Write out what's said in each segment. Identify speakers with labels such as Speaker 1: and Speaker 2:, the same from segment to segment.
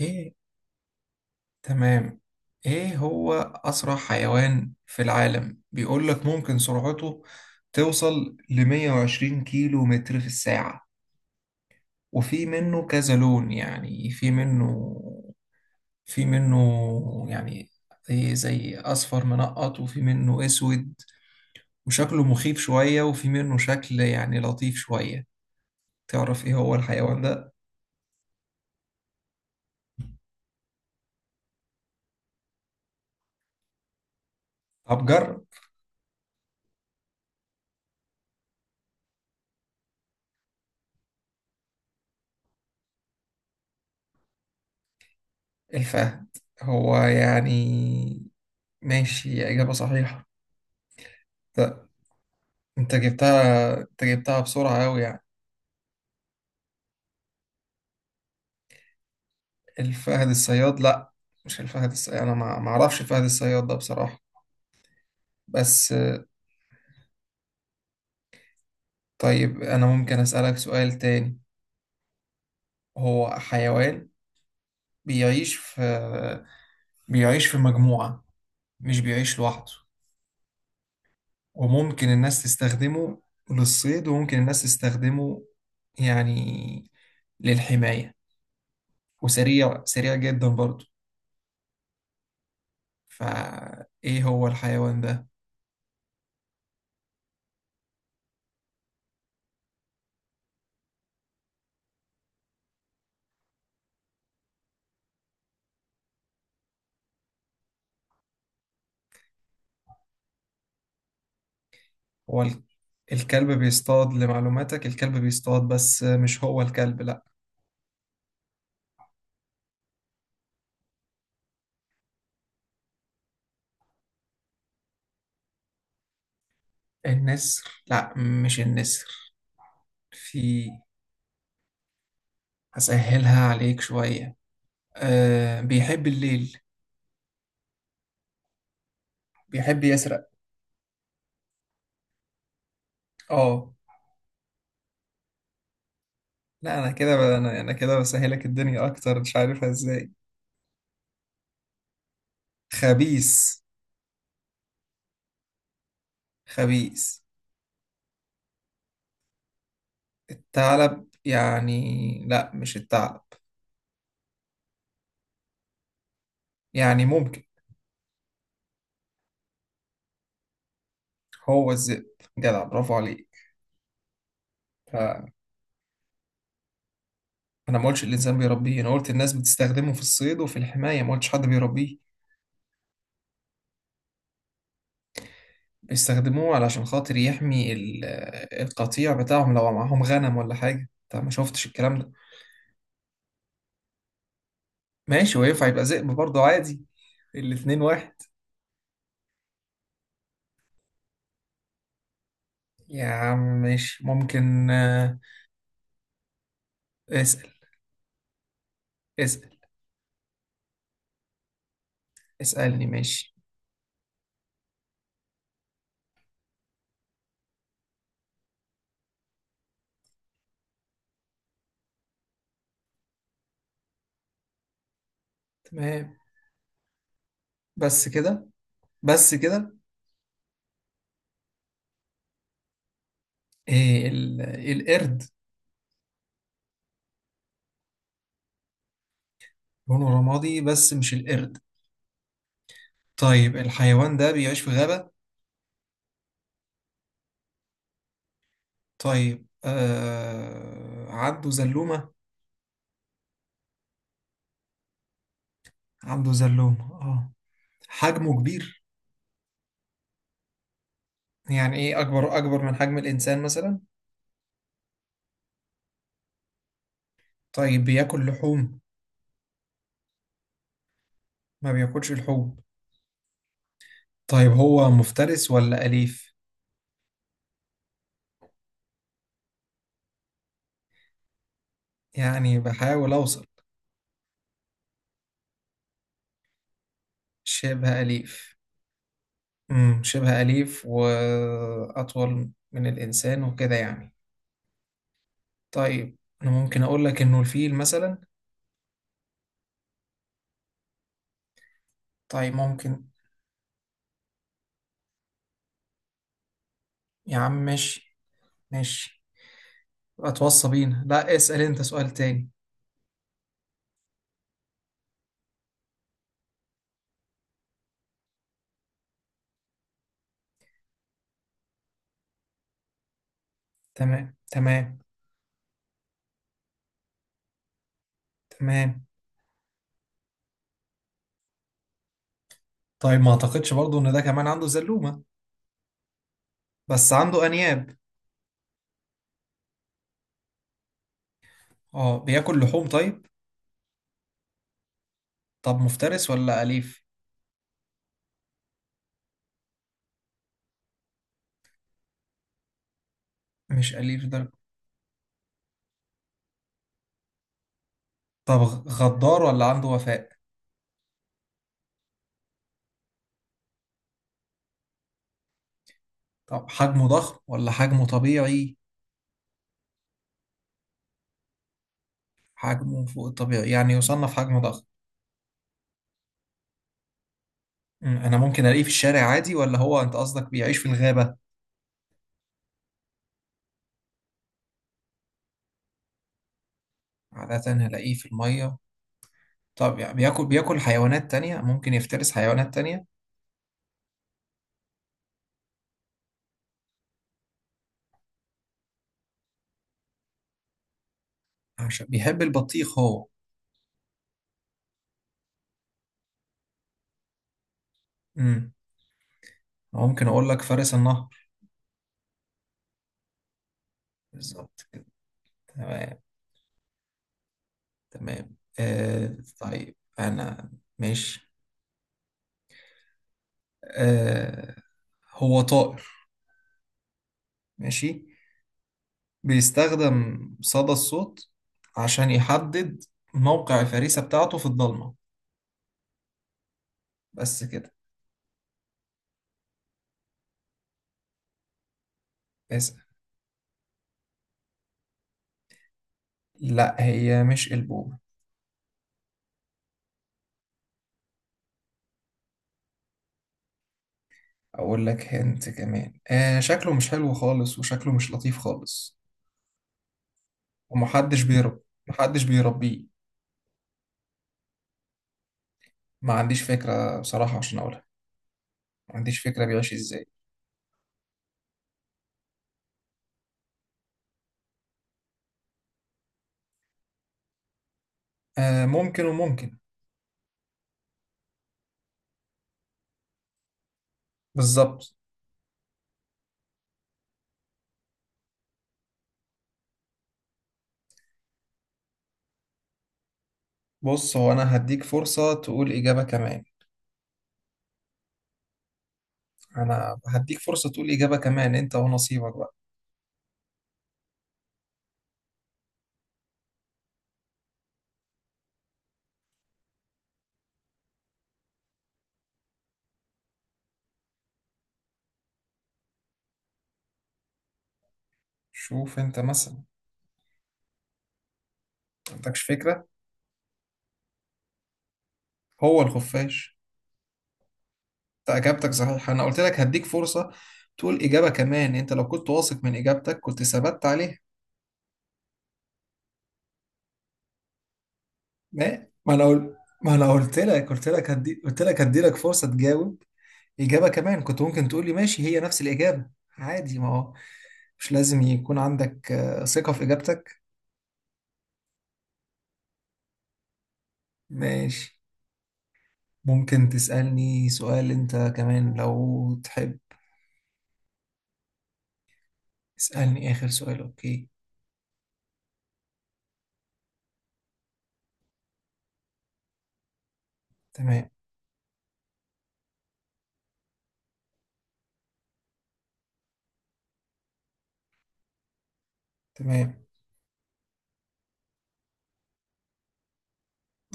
Speaker 1: ايه. تمام. ايه هو اسرع حيوان في العالم؟ بيقول لك ممكن سرعته توصل ل 120 كيلو متر في الساعة. وفي منه كذا لون، يعني في منه يعني زي اصفر منقط، وفي منه اسود وشكله مخيف شوية، وفي منه شكل يعني لطيف شوية. تعرف ايه هو الحيوان ده؟ ابجر. الفهد. هو يعني ماشي، إجابة صحيحة. انت جبتها بسرعة أوي يعني. الفهد الصياد؟ لا، مش الفهد الصياد، انا ما اعرفش الفهد الصياد ده بصراحة، بس طيب انا ممكن أسألك سؤال تاني؟ هو حيوان بيعيش في بيعيش في مجموعة، مش بيعيش لوحده، وممكن الناس تستخدمه للصيد، وممكن الناس تستخدمه يعني للحماية، وسريع سريع جدا برضه. فايه هو الحيوان ده؟ هو ال- الكلب بيصطاد لمعلوماتك، الكلب بيصطاد بس مش هو الكلب، لا. النسر؟ لا، مش النسر. في. هسهلها عليك شوية. أه، بيحب الليل، بيحب يسرق. اه. لا، انا كده بسهلك الدنيا اكتر، مش عارفها ازاي. خبيث. خبيث. الثعلب؟ يعني لا، مش الثعلب. يعني ممكن. هو الذئب. جدع، برافو عليك. انا ما قلتش الانسان بيربيه، انا قلت الناس بتستخدمه في الصيد وفي الحمايه، ما قلتش حد بيربيه. بيستخدموه علشان خاطر يحمي القطيع بتاعهم لو معاهم غنم ولا حاجه، طب ما شفتش الكلام ده. ماشي، وينفع يبقى ذئب برضه عادي. الاتنين واحد. يا عم ماشي، ممكن اسأل. اسأل. اسألني، ماشي. تمام، بس كده، بس كده. إيه ال- القرد. لونه رمادي بس مش القرد. طيب، الحيوان ده بيعيش في غابة؟ طيب، آه، عنده زلومة. عنده زلومة، اه. حجمه كبير، يعني ايه، اكبر من حجم الانسان مثلا. طيب بياكل لحوم. ما بياكلش لحوم. طيب هو مفترس ولا أليف؟ يعني بحاول اوصل. شبه أليف. شبه أليف، واطول من الانسان وكده يعني. طيب انا ممكن اقول لك انه الفيل مثلا. طيب ممكن. يا عم ماشي، ماشي. اتوصى بينا، لا اسأل انت سؤال تاني. تمام. تمام. تمام، طيب ما اعتقدش برضو ان ده كمان عنده زلومة، بس عنده انياب. اه، بياكل لحوم طيب. طب مفترس ولا اليف؟ مش اليف ده. طب غدار ولا عنده وفاء؟ طب حجمه ضخم ولا حجمه طبيعي؟ حجمه فوق الطبيعي، يعني يصنف حجمه ضخم. انا ممكن الاقيه في الشارع عادي، ولا هو انت قصدك بيعيش في الغابة؟ عادة هلاقيه في المية. طب يعني بياكل، بياكل حيوانات تانية، ممكن يفترس حيوانات تانية. عشان بيحب البطيخ هو. امم ممكن اقول لك فارس النهر. بالظبط كده. تمام. تمام، آه طيب أنا. ماشي. آه، هو طائر. ماشي. بيستخدم صدى الصوت عشان يحدد موقع الفريسة بتاعته في الضلمة. بس كده. اسأل. لا، هي مش البومة. أقول لك هنت كمان، آه، شكله مش حلو خالص، وشكله مش لطيف خالص، ومحدش محدش بيربيه. ما عنديش فكرة بصراحة عشان أقولها، ما عنديش فكرة بيعيش إزاي. آه، ممكن وممكن. بالظبط. بص، هو انا هديك فرصة تقول اجابة كمان. انا هديك فرصة تقول اجابة كمان، انت ونصيبك بقى. شوف انت مثلا. ما عندكش فكرة. هو الخفاش. انت اجابتك صحيحة، انا قلت لك هديك فرصة تقول اجابة كمان، انت لو كنت واثق من اجابتك كنت ثبت عليها. ما ما انا قلت ما انا قلت لك قلت لك هدي لك فرصة تجاوب. اجابة كمان، كنت ممكن تقول لي ماشي هي نفس الاجابة، عادي. ما هو مش لازم يكون عندك ثقة في اجابتك. ماشي. ممكن تسألني سؤال أنت كمان لو تحب. اسألني آخر سؤال، أوكي. تمام. تمام.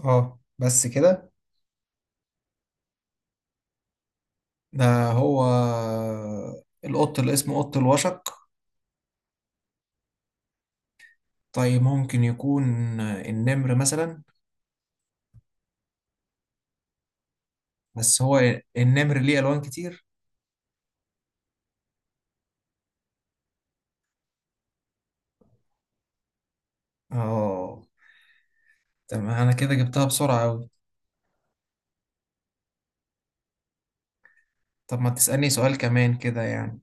Speaker 1: أه، بس كده. ده هو القط اللي اسمه قط الوشق؟ طيب ممكن يكون النمر مثلا. بس هو. النمر ليه ألوان كتير. أه، تمام، أنا كده جبتها بسرعة أوي. طب ما تسألني سؤال كمان كده يعني.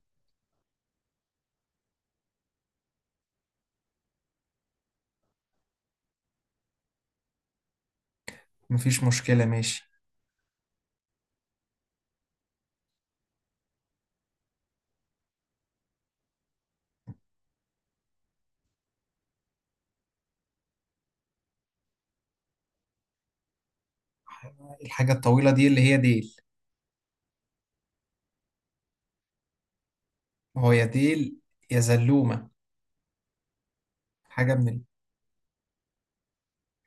Speaker 1: مفيش مشكلة، ماشي. الحاجة الطويلة دي اللي هي ديل. هو يا ديل، يا زلومة، حاجة من.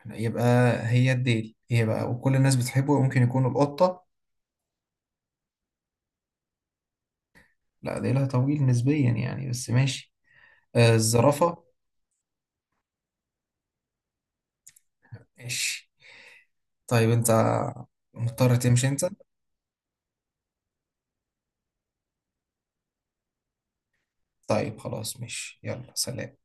Speaker 1: يبقى هي الديل هي بقى، وكل الناس بتحبه، ممكن يكون القطة. لا، ديلها طويل نسبيا يعني، بس ماشي. آه، الزرافة. ماشي. طيب انت مضطر تمشي انت. طيب خلاص ماشي، يلا سلام.